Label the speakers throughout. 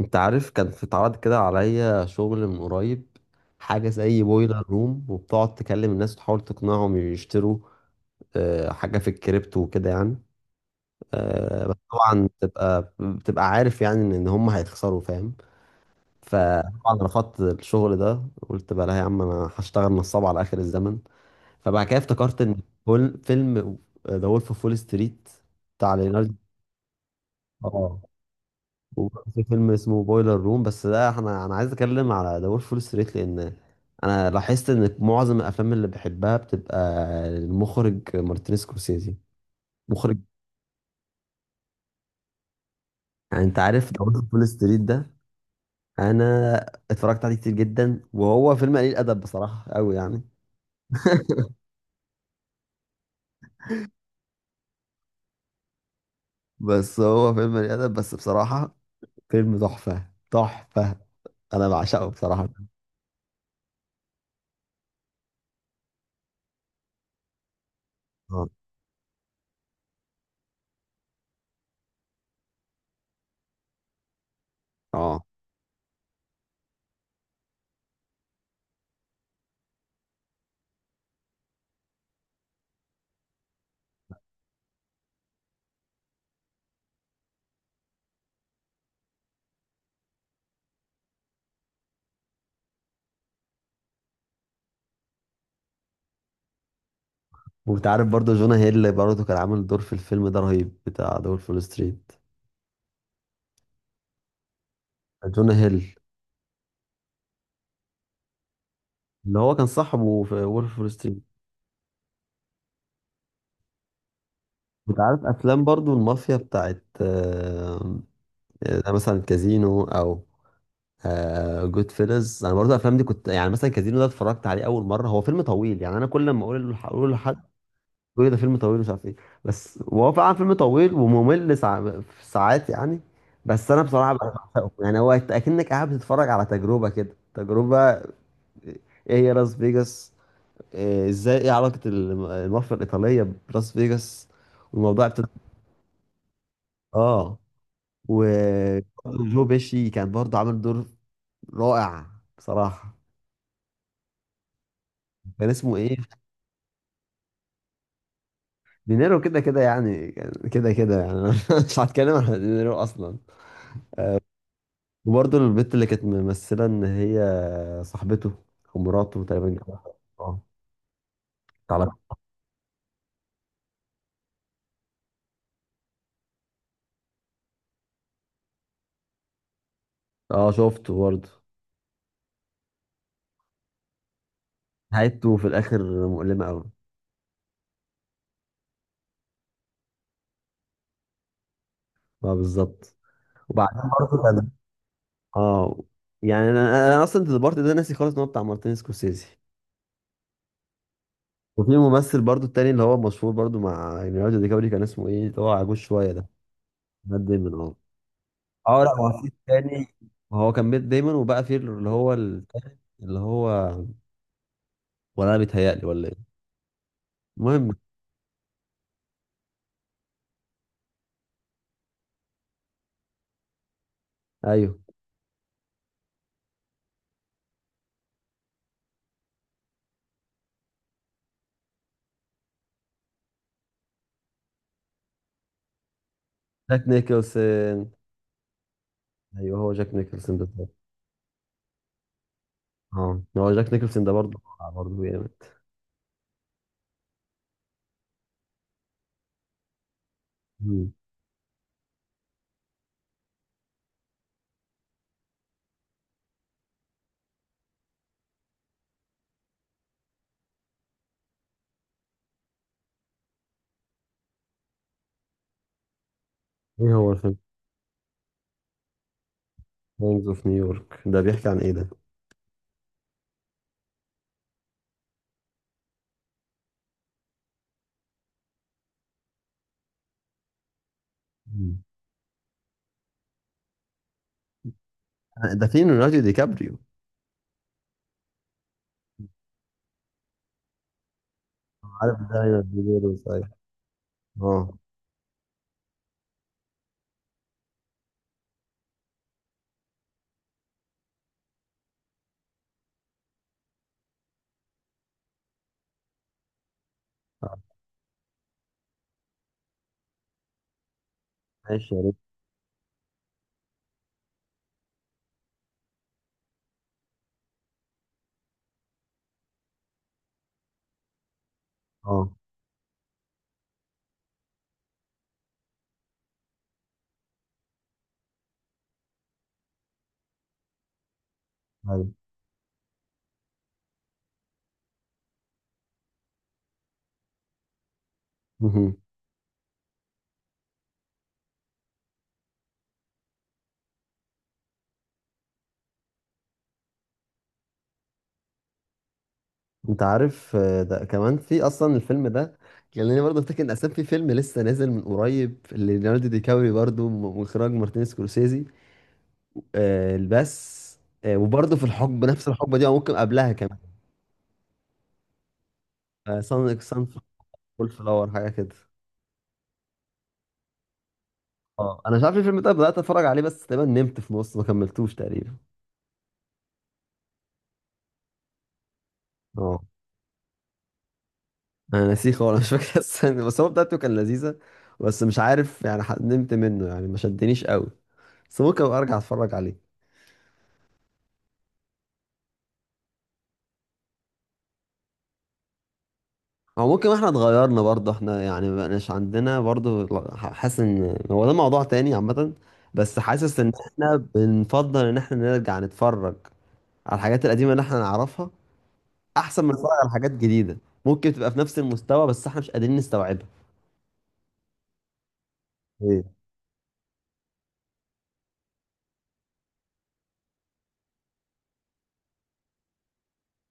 Speaker 1: انت عارف كان في اتعرض كده عليا شغل من قريب. حاجة زي بويلر روم وبتقعد تكلم الناس وتحاول تقنعهم يشتروا. حاجة في الكريبتو وكده يعني. بس طبعا بتبقى عارف يعني إن هم هيخسروا فاهم. فطبعا رفضت الشغل ده. قلت بقى لا يا عم انا هشتغل نصاب على اخر الزمن. فبعد كده افتكرت ان فيلم ذا وولف اوف وول ستريت بتاع ليوناردو. وبرضه في فيلم اسمه بويلر روم بس ده انا عايز اتكلم على ذا وولف فول ستريت لان انا لاحظت ان معظم الافلام اللي بحبها بتبقى المخرج مارتن سكورسيزي مخرج. يعني انت عارف ذا وولف فول ستريت ده، انا اتفرجت عليه كتير جدا وهو فيلم قليل ادب بصراحه قوي يعني. بس هو فيلم قليل ادب بس بصراحه، فيلم تحفه تحفه، انا بعشقه بصراحه. اه، اه. وانت عارف برضه جونا هيل برضه كان عامل دور في الفيلم ده رهيب بتاع ذا وولف فول ستريت. جون هيل، اللي هو كان صاحبه في وولف وول ستريت. انت عارف افلام برضو المافيا بتاعت مثلا كازينو او جود فيلز. انا برضو الافلام دي كنت يعني مثلا كازينو ده، اتفرجت عليه اول مره، هو فيلم طويل يعني، انا كل ما اقول اقول لحد يقول لي ده فيلم طويل مش عارف ايه. بس هو فعلا فيلم طويل وممل في ساعات يعني. بس انا بصراحه بعشقه، يعني هو اكنك قاعد بتتفرج على تجربه، كده تجربه. ايه هي لاس فيجاس؟ ازاي، ايه علاقة المافيا الإيطالية بلاس فيجاس والموضوع ابتدى. اه. وجو بيشي كان برضه عامل دور رائع بصراحة. كان اسمه ايه؟ دينيرو كده كده يعني، كان كده كده يعني. أنا مش هتكلم عن دينيرو اصلا. وبرضه البت اللي كانت ممثلة ان هي صاحبته او مراته، تقريبا جوازها. اه. تعالى. اه، شفته برضه. نهايته في الاخر مؤلمة قوي. اه، بالظبط. وبعدين برضه كان. اه يعني انا اصلا البارت ده ناسي خالص ان هو بتاع مارتن سكورسيزي. وفي ممثل برضو التاني اللي هو مشهور برضو مع ليوناردو دي كابري، كان اسمه ايه اللي هو عجوز شويه ده؟ مات ديمون، اه. اه، لا، هو في التاني. هو كان مات ديمون وبقى في اللي هو التاني اللي هو، ولا انا بيتهيألي ولا ايه. المهم. ايوه، جاك نيكلسون. ايوه، هو جاك نيكلسون ده. اه، هو جاك نيكلسون ده برضو. برضو جامد. مم. ايه هو الفيلم؟ gangs اوف نيويورك ده بيحكي عن ايه ده؟ مم. ده فين ليوناردو دي كابريو؟ عارف ده، ايوه، ديليروز، ايوه. اه. آه، ماشي يا ريت. اه، ايوه، مهم. انت عارف، ده كمان في اصلا الفيلم ده. خليني برضه افتكر ان اساسا في فيلم لسه نازل من قريب ليوناردو دي كابري برضه من اخراج مارتين سكورسيزي. آه، بس. وبرضه في الحقبه نفس الحقبه دي او ممكن قبلها كمان. سان سان، فول فلاور حاجه كده. اه، انا مش عارف الفيلم ده، بدات اتفرج عليه بس تقريبا نمت في نص، ما كملتوش تقريبا. اه، انا ناسيه خالص مش فاكر السنة، بس هو بتاعته كان لذيذة. بس مش عارف يعني، نمت منه يعني، ما شدنيش قوي. بس ممكن ابقى ارجع اتفرج عليه. او ممكن احنا اتغيرنا برضه، احنا يعني ما بقناش عندنا برضه حاسس ان هو ده موضوع تاني عامة. بس حاسس ان احنا بنفضل ان احنا نرجع نتفرج على الحاجات القديمة اللي احنا نعرفها، احسن من نتفرج على حاجات جديدة ممكن تبقى في نفس المستوى بس احنا مش قادرين نستوعبها. ايه.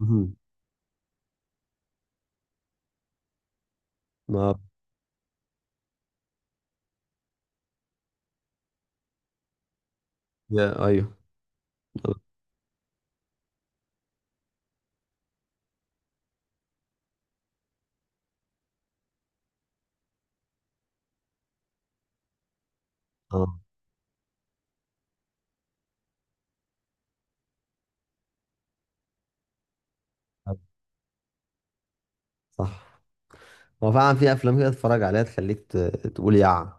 Speaker 1: مهم. ما. يا ايوه. اه، صح. هو فعلا في افلام كده تتفرج عليها تخليك تقول يع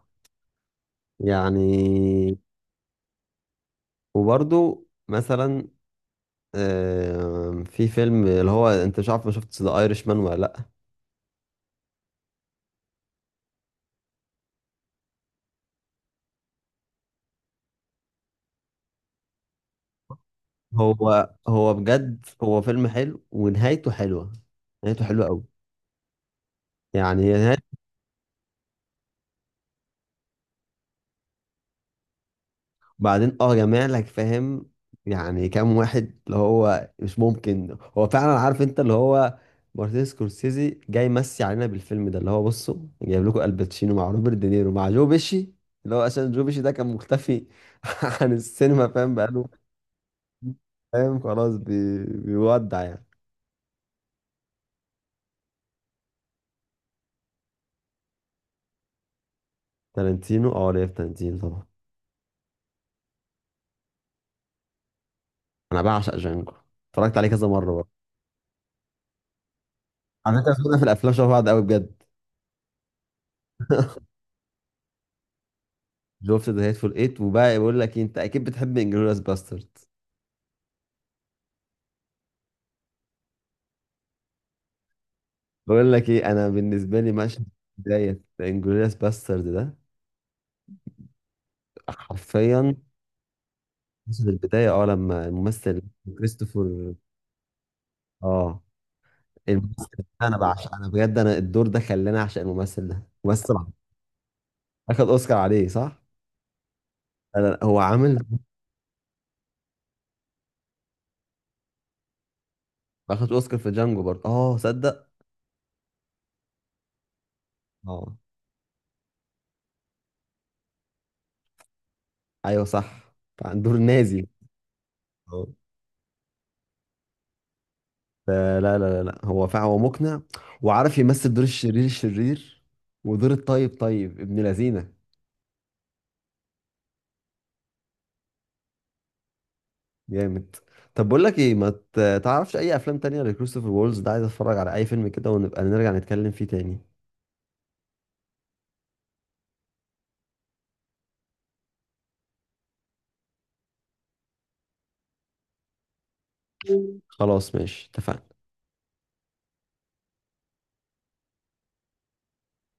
Speaker 1: يعني. وبرضو مثلا، في فيلم اللي هو، انت مش عارف، ما شفت ذا ايرش مان ولا لا؟ هو بجد هو فيلم حلو ونهايته حلوه. نهايته حلوه قوي يعني. هي بعدين جامع لك فاهم، يعني كام واحد اللي هو مش ممكن. هو فعلا عارف انت اللي هو مارتن سكورسيزي جاي يمسي علينا بالفيلم ده، اللي هو بصوا، جايب لكم الباتشينو مع روبرت دينيرو مع جو بيشي. اللي هو عشان جو بيشي ده كان مختفي عن السينما فاهم، بقاله فاهم، خلاص، بيودع يعني. تارانتينو، ليا في تارانتينو طبعا. انا بعشق جانجو، اتفرجت عليه كذا مره برضه. على فكره ذوقنا في الافلام شبه بعض قوي بجد. شفت ذا هيتفول ايت، وبقى بقول لك انت اكيد بتحب انجلوريس باسترد. بقول لك ايه، انا بالنسبه لي مشهد بدايه انجلوريوس باسترد ده حرفيا، مشهد البدايه، لما الممثل كريستوفر. اه الممثل ده انا بعشق، انا بجد، انا الدور ده خلاني اعشق الممثل ده، ممثل عظيم. اخد اوسكار عليه، صح. انا هو عامل. اخد اوسكار في جانجو برضه، صدق. اه، ايوه، صح. عن دور نازي. اه. فلا، لا، لا، لا، هو فعلا هو مقنع. وعارف يمثل دور الشرير الشرير، ودور الطيب طيب ابن لذينه. جامد. طب بقول لك ايه، ما تعرفش اي افلام تانية لكريستوفر وولز ده، عايز اتفرج على اي فيلم كده ونبقى نرجع نتكلم فيه تاني. خلاص ماشي، اتفقنا.